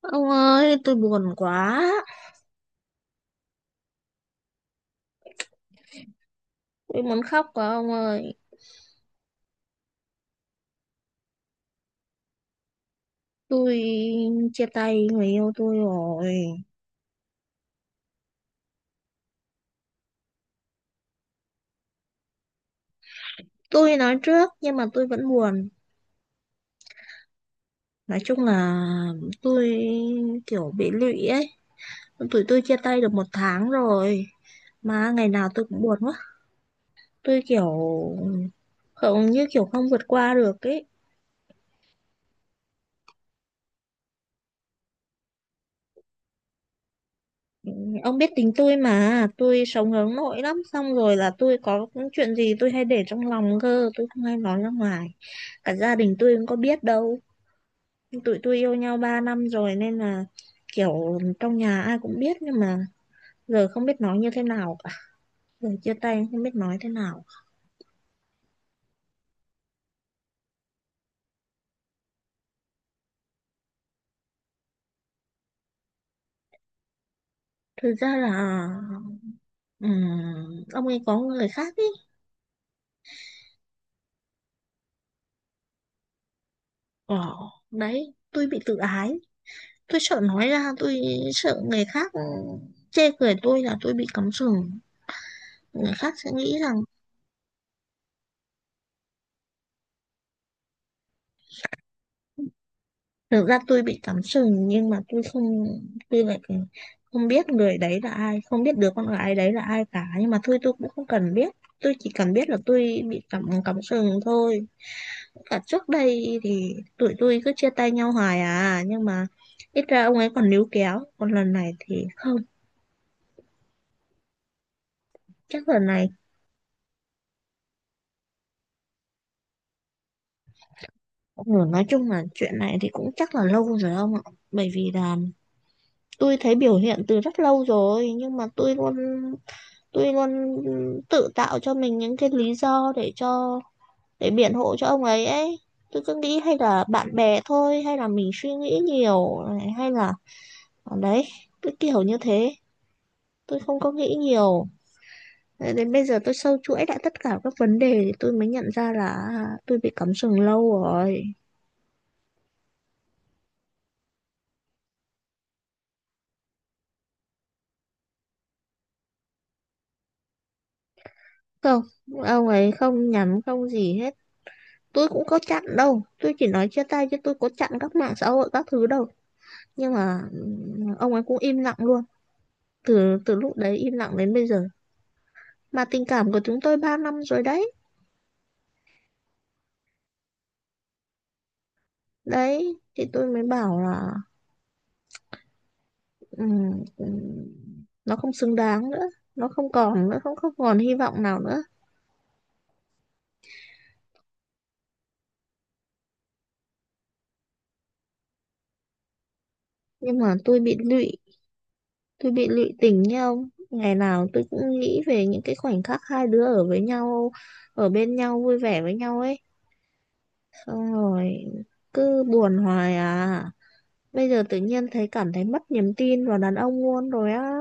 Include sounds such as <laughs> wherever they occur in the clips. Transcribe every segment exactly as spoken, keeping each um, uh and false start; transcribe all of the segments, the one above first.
Ông ơi, tôi buồn quá. Tôi muốn khóc quá ông ơi. Tôi chia tay người yêu tôi rồi. Tôi nói trước nhưng mà tôi vẫn buồn. Nói chung là tôi kiểu bị lụy ấy. Tụi tôi chia tay được một tháng rồi. Mà ngày nào tôi cũng buồn quá. Tôi kiểu không, như kiểu không vượt qua được ấy. Ông biết tính tôi mà. Tôi sống hướng nội lắm. Xong rồi là tôi có chuyện gì tôi hay để trong lòng cơ. Tôi không hay nói ra ngoài. Cả gia đình tôi cũng có biết đâu. Tụi tôi yêu nhau ba năm rồi nên là kiểu trong nhà ai cũng biết, nhưng mà giờ không biết nói như thế nào cả, giờ chia tay không biết nói thế nào. Thực ra là ừm, ông ấy có người khác ý. ờ Đấy, tôi bị tự ái, tôi sợ nói ra, tôi sợ người khác ừ, chê cười tôi là tôi bị cắm sừng, người khác sẽ nghĩ rằng. Thực ra tôi bị cắm sừng nhưng mà tôi không, tôi lại không biết người đấy là ai, không biết đứa con gái đấy là ai cả, nhưng mà thôi tôi cũng không cần biết. Tôi chỉ cần biết là tôi bị cắm cắm sừng thôi. Cả trước đây thì tụi tôi cứ chia tay nhau hoài à, nhưng mà ít ra ông ấy còn níu kéo, còn lần này thì không, chắc lần này. Ừ, nói chung là chuyện này thì cũng chắc là lâu rồi ông ạ. Bởi vì là tôi thấy biểu hiện từ rất lâu rồi, nhưng mà tôi luôn tôi luôn tự tạo cho mình những cái lý do để cho, để biện hộ cho ông ấy ấy. Tôi cứ nghĩ hay là bạn bè thôi, hay là mình suy nghĩ nhiều này, hay là. Đấy, cứ kiểu như thế, tôi không có nghĩ nhiều. Đến bây giờ tôi sâu chuỗi lại tất cả các vấn đề thì tôi mới nhận ra là à, tôi bị cắm sừng lâu rồi. Không, ông ấy không nhắm không gì hết. Tôi cũng có chặn đâu, tôi chỉ nói chia tay chứ tôi có chặn các mạng xã hội các thứ đâu. Nhưng mà ừ, ông ấy cũng im lặng luôn, từ từ lúc đấy im lặng đến bây giờ. Mà tình cảm của chúng tôi ba năm rồi đấy. Đấy thì tôi mới bảo là ừm, ừm, nó không xứng đáng nữa, nó không còn nữa, không không còn hy vọng nào nữa. Nhưng mà tôi bị lụy, tôi bị lụy tình nha ông. Ngày nào tôi cũng nghĩ về những cái khoảnh khắc hai đứa ở với nhau, ở bên nhau vui vẻ với nhau ấy, xong rồi cứ buồn hoài à. Bây giờ tự nhiên thấy cảm thấy mất niềm tin vào đàn ông luôn rồi á.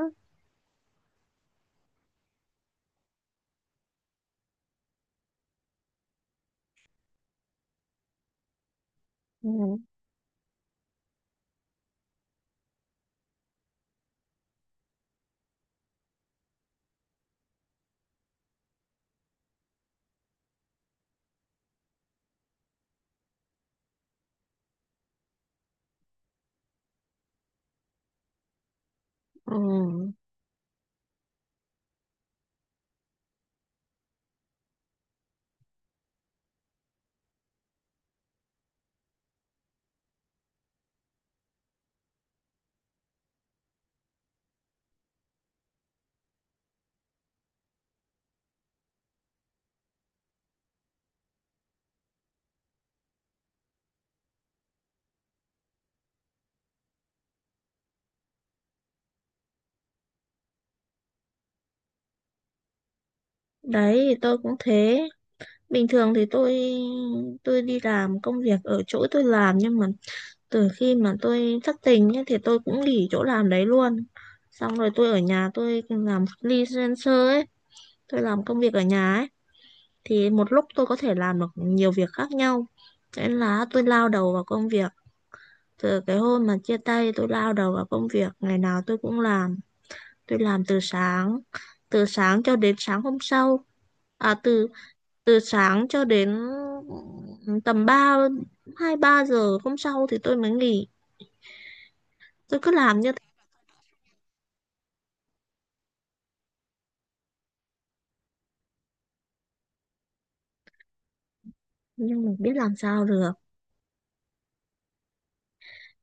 Ừ. Ừ. Đấy thì tôi cũng thế. Bình thường thì tôi tôi đi làm công việc ở chỗ tôi làm, nhưng mà từ khi mà tôi thất tình ấy, thì tôi cũng nghỉ chỗ làm đấy luôn. Xong rồi tôi ở nhà tôi làm freelancer ấy, tôi làm công việc ở nhà ấy thì một lúc tôi có thể làm được nhiều việc khác nhau. Thế nên là tôi lao đầu vào công việc. Từ cái hôm mà chia tay tôi lao đầu vào công việc, ngày nào tôi cũng làm. Tôi làm từ sáng, từ sáng cho đến sáng hôm sau. À từ Từ sáng cho đến ừ, tầm ba hai ba giờ hôm sau thì tôi mới nghỉ. Tôi cứ làm như thế, nhưng mà biết làm sao được.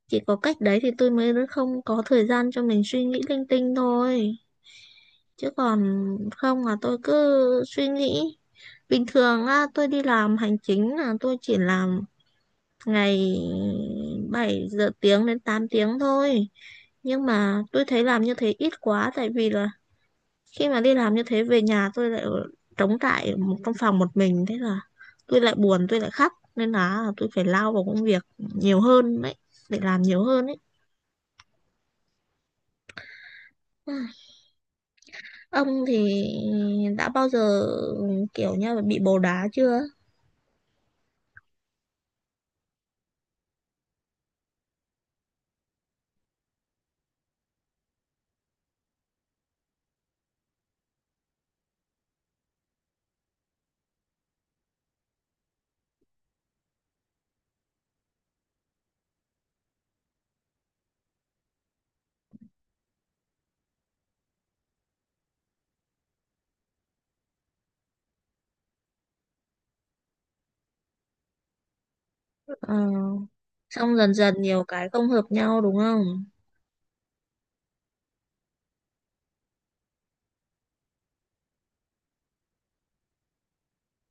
Chỉ có cách đấy thì tôi mới không có thời gian cho mình suy nghĩ linh tinh thôi. Chứ còn không là tôi cứ suy nghĩ. Bình thường á, tôi đi làm hành chính là tôi chỉ làm ngày bảy giờ tiếng đến tám tiếng thôi. Nhưng mà tôi thấy làm như thế ít quá, tại vì là khi mà đi làm như thế về nhà tôi lại ở- trống trải ở một trong phòng một mình, thế là tôi lại buồn tôi lại khóc, nên là tôi phải lao vào công việc nhiều hơn đấy, để làm nhiều hơn ấy. Ai, ông thì đã bao giờ kiểu như là bị bồ đá chưa? ờ, Xong dần dần nhiều cái không hợp nhau đúng không?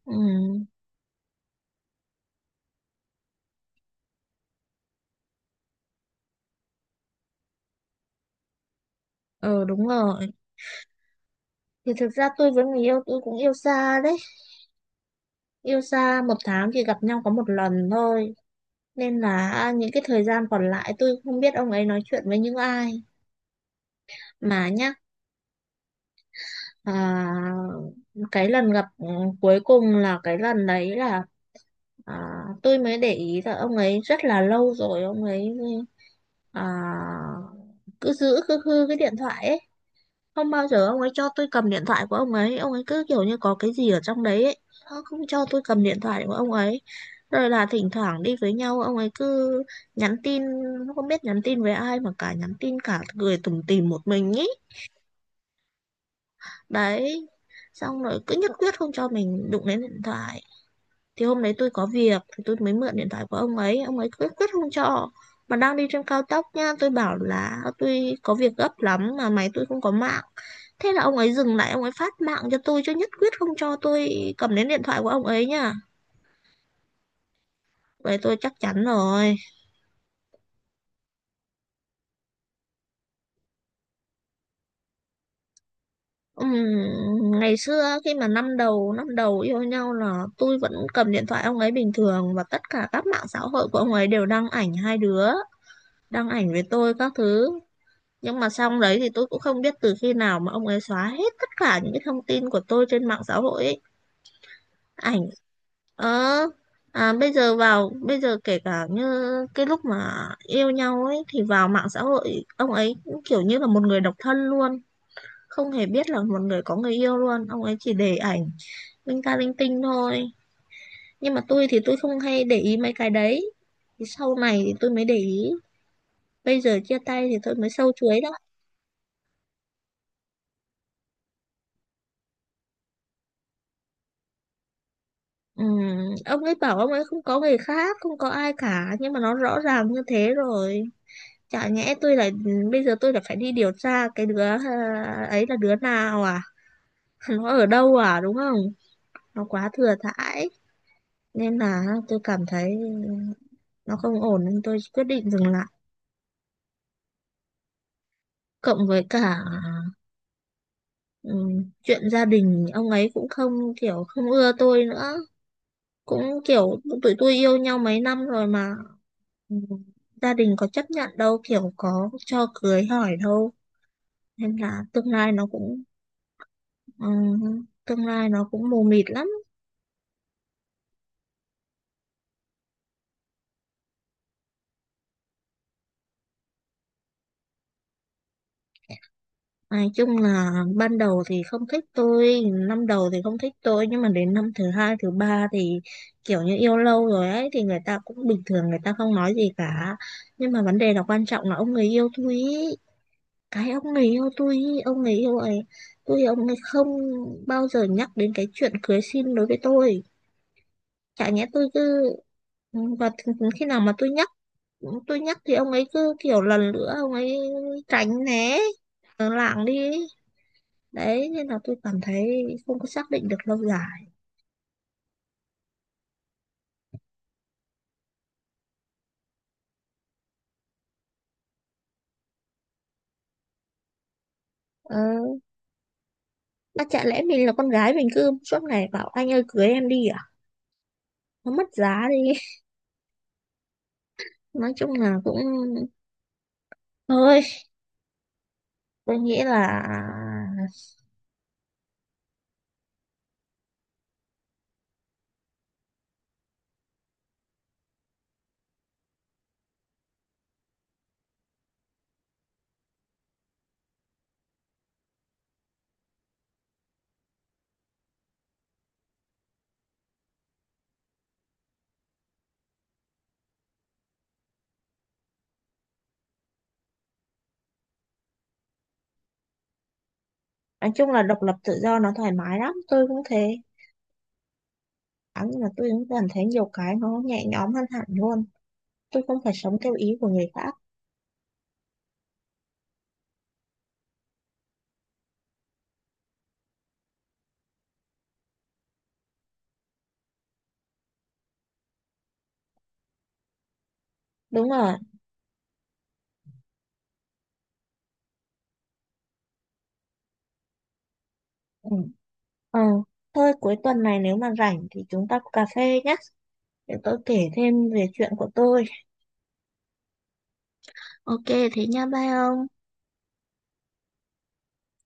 ừ, ờ Đúng rồi, thì thực ra tôi với người yêu tôi cũng yêu xa đấy, yêu xa một tháng chỉ gặp nhau có một lần thôi. Nên là à, những cái thời gian còn lại tôi không biết ông ấy nói chuyện với những ai mà nhá. à, cái lần gặp ừ, cuối cùng là cái lần đấy là à, tôi mới để ý là ông ấy rất là lâu rồi ông ấy ừ, à, cứ giữ cứ hư cái điện thoại ấy, không bao giờ ông ấy cho tôi cầm điện thoại của ông ấy, ông ấy cứ kiểu như có cái gì ở trong đấy ấy. Nó không cho tôi cầm điện thoại của ông ấy, rồi là thỉnh thoảng đi với nhau ông ấy cứ nhắn tin, nó không biết nhắn tin với ai mà cả, nhắn tin cả cười tủm tỉm một mình ý. Đấy, xong rồi cứ nhất quyết không cho mình đụng đến điện thoại. Thì hôm đấy tôi có việc thì tôi mới mượn điện thoại của ông ấy, ông ấy quyết quyết không cho, mà đang đi trên cao tốc nha, tôi bảo là tôi có việc gấp lắm mà máy tôi không có mạng, thế là ông ấy dừng lại ông ấy phát mạng cho tôi chứ nhất quyết không cho tôi cầm đến điện thoại của ông ấy nha. Vậy tôi chắc chắn rồi. Ừm, ngày xưa khi mà năm đầu năm đầu yêu nhau là tôi vẫn cầm điện thoại ông ấy bình thường, và tất cả các mạng xã hội của ông ấy đều đăng ảnh hai đứa, đăng ảnh với tôi các thứ. Nhưng mà xong đấy thì tôi cũng không biết từ khi nào mà ông ấy xóa hết tất cả những cái thông tin của tôi trên mạng xã hội ấy. Ảnh, ờ à, bây giờ vào bây giờ kể cả như cái lúc mà yêu nhau ấy, thì vào mạng xã hội ông ấy cũng kiểu như là một người độc thân luôn, không hề biết là một người có người yêu luôn, ông ấy chỉ để ảnh linh ta linh tinh thôi. Nhưng mà tôi thì tôi không hay để ý mấy cái đấy, thì sau này thì tôi mới để ý, bây giờ chia tay thì tôi mới sâu chuối ra. Ừ, ông ấy bảo ông ấy không có người khác, không có ai cả, nhưng mà nó rõ ràng như thế rồi. Chả nhẽ tôi lại, bây giờ tôi lại phải đi điều tra cái đứa à, ấy là đứa nào à? <laughs> Nó ở đâu à đúng không? Nó quá thừa thãi, nên là tôi cảm thấy nó không ổn nên tôi quyết định dừng lại. Cộng với cả ừ, chuyện gia đình ông ấy cũng không, kiểu không ưa tôi nữa. Cũng kiểu tụi tôi yêu nhau mấy năm rồi mà ừ, gia đình có chấp nhận đâu, kiểu có cho cưới hỏi đâu, nên là tương lai nó cũng ừ, tương lai nó cũng mù mịt lắm. Nói chung là ban đầu thì không thích tôi, năm đầu thì không thích tôi, nhưng mà đến năm thứ hai thứ ba thì kiểu như yêu lâu rồi ấy thì người ta cũng bình thường, người ta không nói gì cả. Nhưng mà vấn đề là quan trọng là ông người yêu thôi ý. Cái ông này yêu tôi ý, ông ấy yêu ấy, tôi ông ấy không bao giờ nhắc đến cái chuyện cưới xin đối với tôi. Chả nhẽ tôi cứ ừ, và khi nào mà tôi nhắc, ừ, tôi nhắc thì ông ấy cứ kiểu lần nữa ông ấy tránh né, lảng đi ấy. Đấy nên là tôi cảm thấy không có xác định được lâu dài. ờ, mà chả lẽ mình là con gái mình cứ suốt ngày bảo anh ơi cưới em đi à? Nó mất giá đi. <laughs> Nói chung là cũng thôi, tôi nghĩ là, nói chung là độc lập tự do nó thoải mái lắm, tôi cũng thế. À, nhưng mà tôi cũng cảm thấy nhiều cái nó nhẹ nhõm hơn hẳn luôn, tôi không phải sống theo ý của người khác. Đúng rồi. Ừ. Ờ. Thôi cuối tuần này nếu mà rảnh thì chúng ta cà phê nhé, để tôi kể thêm về chuyện của tôi. Ok. Thế nha, bye ông.